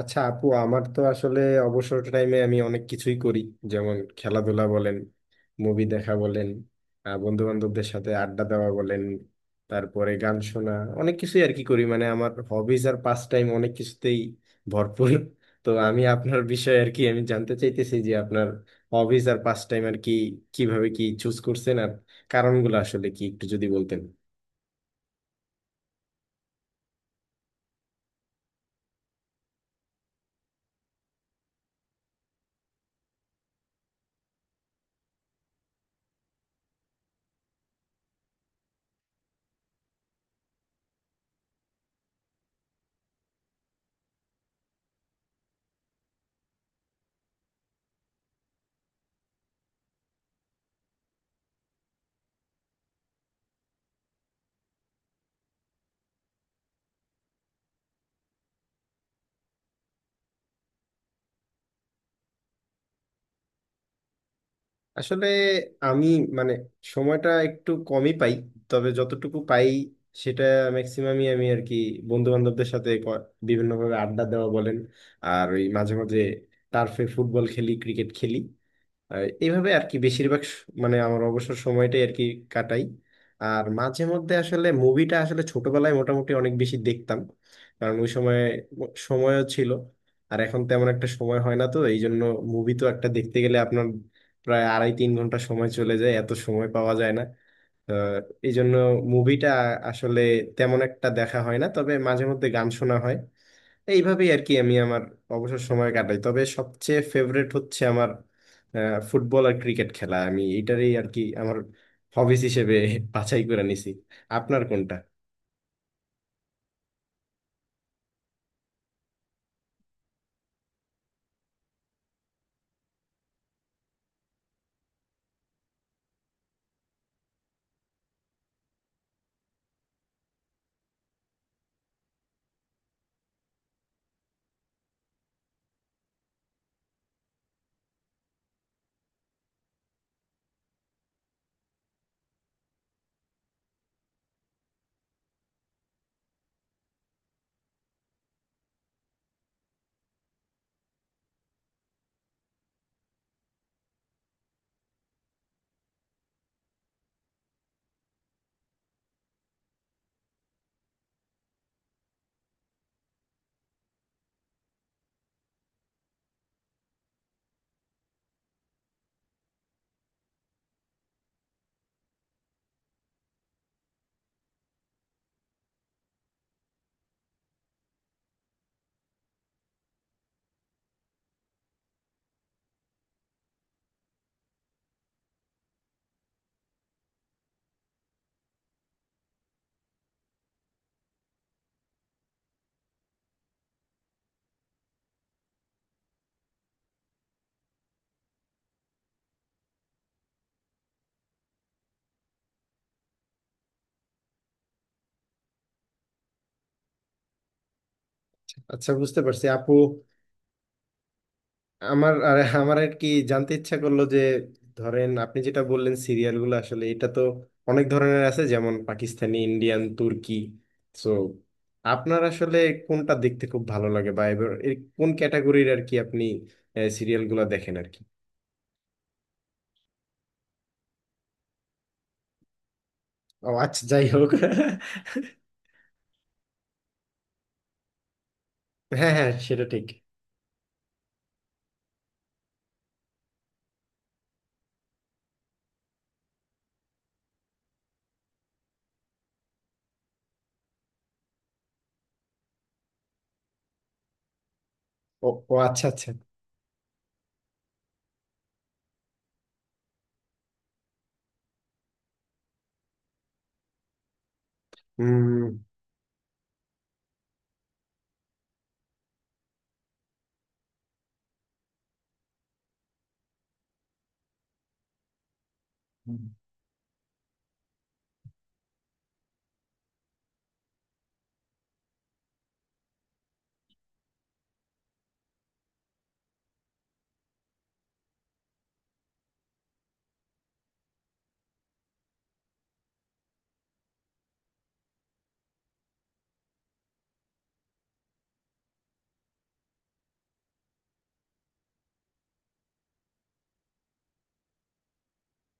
আচ্ছা আপু আমার তো আসলে অবসর টাইমে আমি অনেক কিছুই করি, যেমন খেলাধুলা বলেন, মুভি দেখা বলেন, বন্ধু বান্ধবদের সাথে আড্ডা দেওয়া বলেন, তারপরে গান শোনা। অনেক কিছুই আর কি করি, মানে আমার হবিজ আর পাস টাইম অনেক কিছুতেই ভরপুর। তো আমি আপনার বিষয়ে আর কি আমি জানতে চাইতেছি যে আপনার হবিজ আর পাস টাইম আর কি কিভাবে কি চুজ করছেন, আর কারণগুলো আসলে কি একটু যদি বলতেন। আসলে আমি মানে সময়টা একটু কমই পাই, তবে যতটুকু পাই সেটা ম্যাক্সিমামই আমি আর কি বন্ধু বান্ধবদের সাথে বিভিন্নভাবে আড্ডা দেওয়া বলেন, আর ওই মাঝে মাঝে টার্ফে ফুটবল খেলি, ক্রিকেট খেলি। আর এইভাবে আর কি বেশিরভাগ মানে আমার অবসর সময়টাই আর কি কাটাই। আর মাঝে মধ্যে আসলে মুভিটা আসলে ছোটবেলায় মোটামুটি অনেক বেশি দেখতাম, কারণ ওই সময় সময়ও ছিল, আর এখন তেমন একটা সময় হয় না তো এই জন্য। মুভি তো একটা দেখতে গেলে আপনার প্রায় আড়াই তিন ঘন্টা সময় চলে যায়, এত সময় পাওয়া যায় না। আহ, এই জন্য মুভিটা আসলে তেমন একটা দেখা হয় না, তবে মাঝে মধ্যে গান শোনা হয়। এইভাবেই আর কি আমি আমার অবসর সময় কাটাই, তবে সবচেয়ে ফেভারেট হচ্ছে আমার ফুটবল আর ক্রিকেট খেলা। আমি এইটারই আর কি আমার হবিস হিসেবে বাছাই করে নিছি। আপনার কোনটা? আচ্ছা, বুঝতে পারছি আপু। আমার আর আমার আর কি জানতে ইচ্ছা করলো যে, ধরেন আপনি যেটা বললেন সিরিয়ালগুলো, আসলে এটা তো অনেক ধরনের আছে, যেমন পাকিস্তানি, ইন্ডিয়ান, তুর্কি। সো আপনার আসলে কোনটা দেখতে খুব ভালো লাগে বা এবার এর কোন ক্যাটাগরির আর কি আপনি সিরিয়ালগুলো দেখেন আর কি? ও আচ্ছা, যাই হোক। হ্যাঁ, হ্যাঁ, সেটা ঠিক। ও, ও আচ্ছা, আচ্ছা। হুম,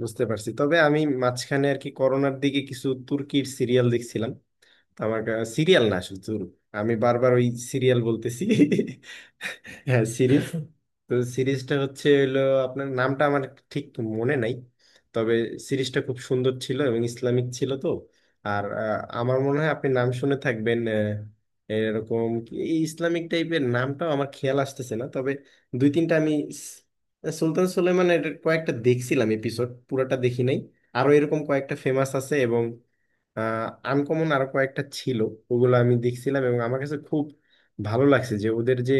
বুঝতে পারছি। তবে আমি মাঝখানে আর কি করোনার দিকে কিছু তুর্কির সিরিয়াল দেখছিলাম। আমার সিরিয়াল না, শুধু আমি বারবার ওই সিরিয়াল বলতেছি। হ্যাঁ, সিরিজ। তো সিরিজটা হচ্ছে হলো, আপনার নামটা আমার ঠিক মনে নাই, তবে সিরিজটা খুব সুন্দর ছিল এবং ইসলামিক ছিল। তো আর আমার মনে হয় আপনি নাম শুনে থাকবেন। এরকম এই ইসলামিক টাইপের নামটাও আমার খেয়াল আসতেছে না, তবে দুই তিনটা আমি স- সুলতান সুলেমান এর কয়েকটা দেখছিলাম, এপিসোড পুরোটা দেখি নাই। আরো এরকম কয়েকটা ফেমাস আছে এবং আনকমন আরো কয়েকটা ছিল, ওগুলো আমি দেখছিলাম এবং আমার কাছে খুব ভালো লাগছে যে ওদের যে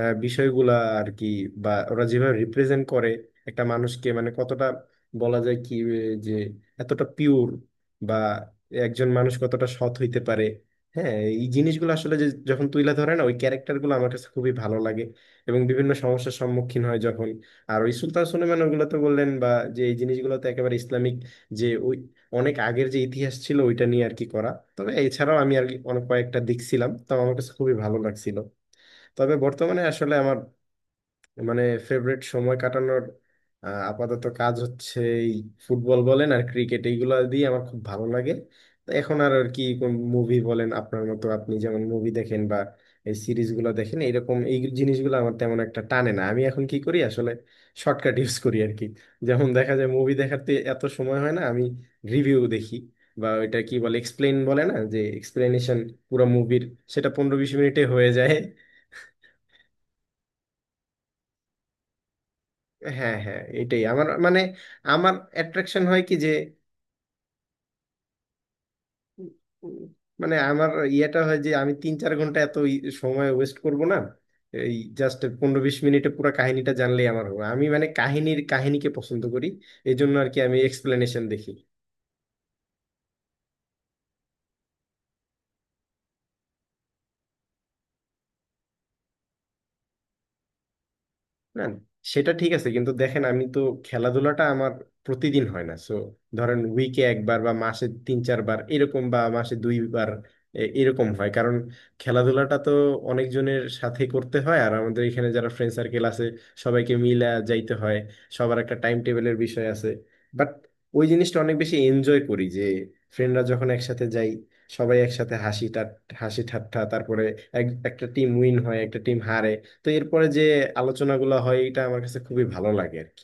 বিষয়গুলা আর কি, বা ওরা যেভাবে রিপ্রেজেন্ট করে একটা মানুষকে, মানে কতটা বলা যায় কি যে এতটা পিওর বা একজন মানুষ কতটা সৎ হইতে পারে, হ্যাঁ, এই জিনিসগুলো আসলে যে যখন তুইলা ধরে না ওই ক্যারেক্টারগুলো, আমার কাছে খুবই ভালো লাগে। এবং বিভিন্ন সমস্যার সম্মুখীন হয় যখন, আর ওই সুলতান সুলেমান ওগুলো তো বললেন, বা যে এই জিনিসগুলো তো একেবারে ইসলামিক, যে ওই অনেক আগের যে ইতিহাস ছিল ওইটা নিয়ে আর কি করা। তবে এছাড়াও আমি আর কি অনেক কয়েকটা দেখছিলাম তো আমার কাছে খুবই ভালো লাগছিল। তবে বর্তমানে আসলে আমার মানে ফেভারিট সময় কাটানোর আপাতত কাজ হচ্ছে এই ফুটবল বলেন আর ক্রিকেট, এইগুলো দিয়ে আমার খুব ভালো লাগে। তো এখন আর আর কি কোন মুভি বলেন আপনার মতো, আপনি যেমন মুভি দেখেন বা এই সিরিজগুলো দেখেন এরকম, এই জিনিসগুলো আমার তেমন একটা টানে না। আমি এখন কি করি আসলে, শর্টকাট ইউজ করি আর কি। যেমন দেখা যায় মুভি দেখাতে এত সময় হয় না, আমি রিভিউ দেখি বা ওইটা কি বলে এক্সপ্লেন বলে না, যে এক্সপ্লেনেশন পুরো মুভির, সেটা 15-20 মিনিটে হয়ে যায়। হ্যাঁ, হ্যাঁ, এটাই আমার মানে আমার অ্যাট্রাকশন হয় কি যে, উম, মানে আমার ইয়েটা হয় যে আমি 3-4 ঘন্টা এত সময় ওয়েস্ট করব না, এই জাস্ট 15-20 মিনিটে পুরো কাহিনীটা জানলেই আমার হবে। আমি মানে কাহিনীর কাহিনীকে পছন্দ করি, এই জন্য আর কি আমি এক্সপ্লেনেশন দেখি। না সেটা ঠিক আছে, কিন্তু দেখেন আমি তো খেলাধুলাটা আমার প্রতিদিন হয় না, সো ধরেন উইকে একবার বা মাসে তিন চারবার এরকম, বা মাসে দুইবার এরকম হয়। কারণ খেলাধুলাটা তো অনেকজনের সাথে করতে হয়, আর আমাদের এখানে যারা ফ্রেন্ড সার্কেল আছে সবাইকে মিলা যাইতে হয়, সবার একটা টাইম টেবিলের বিষয় আছে। বাট ওই জিনিসটা অনেক বেশি এনজয় করি যে ফ্রেন্ডরা যখন একসাথে যাই, সবাই একসাথে হাসি টা হাসি ঠাট্টা, তারপরে একটা টিম উইন হয় একটা টিম হারে, তো এরপরে যে আলোচনাগুলো হয় এটা আমার কাছে খুবই ভালো লাগে আর কি।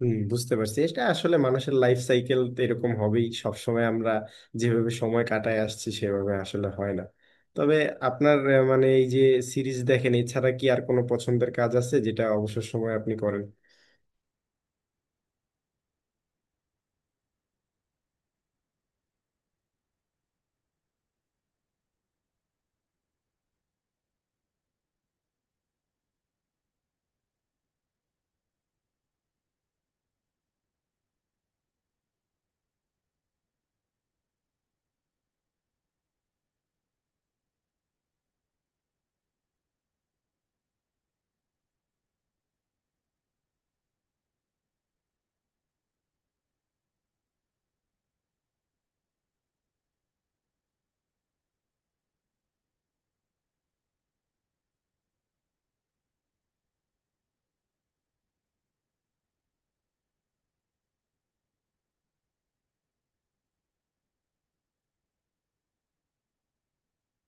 হম, বুঝতে পারছি। এটা আসলে মানুষের লাইফ সাইকেল, এরকম হবেই। সবসময় আমরা যেভাবে সময় কাটায় আসছি সেভাবে আসলে হয় না। তবে আপনার মানে এই যে সিরিজ দেখেন, এছাড়া কি আর কোনো পছন্দের কাজ আছে যেটা অবসর সময় আপনি করেন?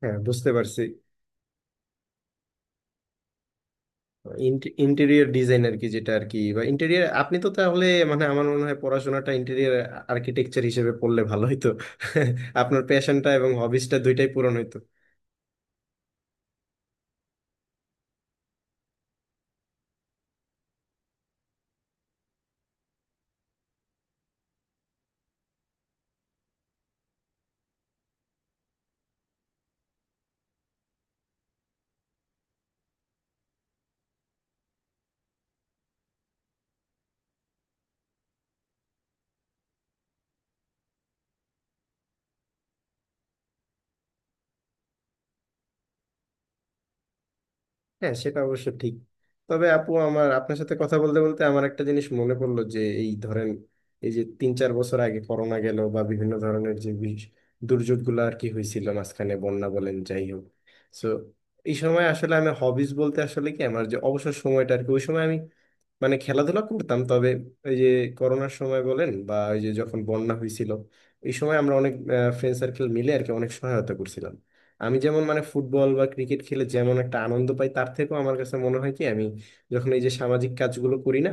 হ্যাঁ, বুঝতে পারছি। ইন্টেরিয়র ডিজাইন আর কি যেটা আর কি, বা ইন্টেরিয়র, আপনি তো তাহলে মানে আমার মনে হয় পড়াশোনাটা ইন্টেরিয়র আর্কিটেকচার হিসেবে পড়লে ভালো হতো। আপনার প্যাশনটা এবং হবিসটা দুইটাই পূরণ হইতো। হ্যাঁ, সেটা অবশ্য ঠিক। তবে আপু আমার আপনার সাথে কথা বলতে বলতে আমার একটা জিনিস মনে পড়লো যে এই ধরেন এই যে 3-4 বছর আগে করোনা গেল, বা বিভিন্ন ধরনের যে দুর্যোগগুলো আর কি হয়েছিল মাঝখানে, বন্যা বলেন যাই হোক। সো এই সময় আসলে আমি হবিজ বলতে আসলে কি আমার যে অবসর সময়টা আর কি, ওই সময় আমি মানে খেলাধুলা করতাম। তবে ওই যে করোনার সময় বলেন বা ওই যে যখন বন্যা হয়েছিল, এই সময় আমরা অনেক ফ্রেন্ড সার্কেল মিলে আর কি অনেক সহায়তা করছিলাম। আমি যেমন মানে ফুটবল বা ক্রিকেট খেলে যেমন একটা আনন্দ পাই, তার থেকেও আমার কাছে মনে হয় কি আমি যখন এই যে সামাজিক কাজগুলো করি না,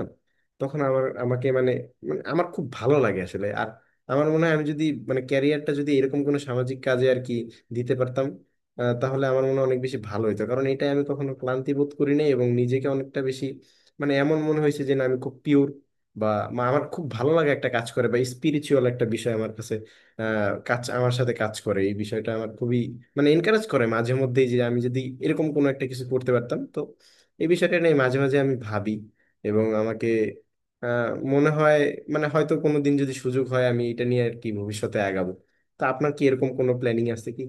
তখন আমার আমাকে মানে মানে আমার খুব ভালো লাগে আসলে। আর আমার মনে হয় আমি যদি মানে ক্যারিয়ারটা যদি এরকম কোনো সামাজিক কাজে আর কি দিতে পারতাম, তাহলে আমার মনে হয় অনেক বেশি ভালো হতো। কারণ এটাই আমি কখনো ক্লান্তি বোধ করি নাই এবং নিজেকে অনেকটা বেশি মানে এমন মনে হয়েছে যে না আমি খুব পিওর, বা আমার খুব ভালো লাগে একটা কাজ করে, বা স্পিরিচুয়াল একটা বিষয় আমার কাছে কাজ আমার সাথে কাজ করে। এই বিষয়টা আমার খুবই মানে এনকারেজ করে মাঝে মধ্যেই যে আমি যদি এরকম কোনো একটা কিছু করতে পারতাম, তো এই বিষয়টা নিয়ে মাঝে মাঝে আমি ভাবি এবং আমাকে আহ, মনে হয় মানে হয়তো কোনো দিন যদি সুযোগ হয় আমি এটা নিয়ে আর কি ভবিষ্যতে আগাবো। তা আপনার কি এরকম কোনো প্ল্যানিং আছে কি?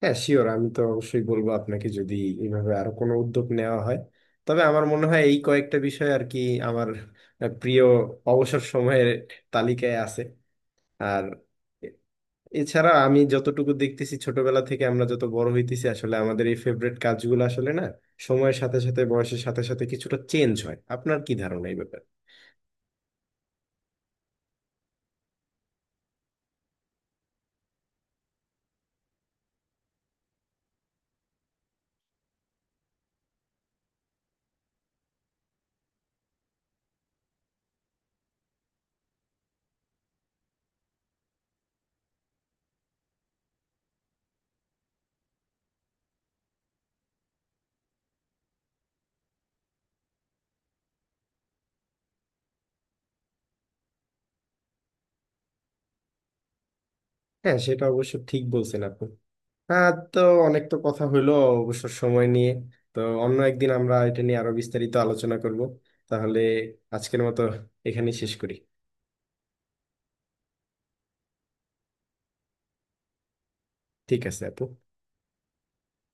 হ্যাঁ শিওর, আমি তো অবশ্যই বলবো আপনাকে, যদি এইভাবে আরো কোনো উদ্যোগ নেওয়া হয়। তবে আমার মনে হয় এই কয়েকটা বিষয় আর কি আমার প্রিয় অবসর সময়ের তালিকায় আছে। আর এছাড়া আমি যতটুকু দেখতেছি ছোটবেলা থেকে আমরা যত বড় হইতেছি, আসলে আমাদের এই ফেভারিট কাজগুলো আসলে না সময়ের সাথে সাথে বয়সের সাথে সাথে কিছুটা চেঞ্জ হয়। আপনার কি ধারণা এই ব্যাপারে? হ্যাঁ সেটা অবশ্য ঠিক বলছেন আপনি। হ্যাঁ, তো অনেক তো কথা হইলো অবসর সময় নিয়ে, তো অন্য একদিন আমরা এটা নিয়ে আরো বিস্তারিত আলোচনা করব। তাহলে আজকের মতো এখানেই শেষ করি। ঠিক আছে আপু।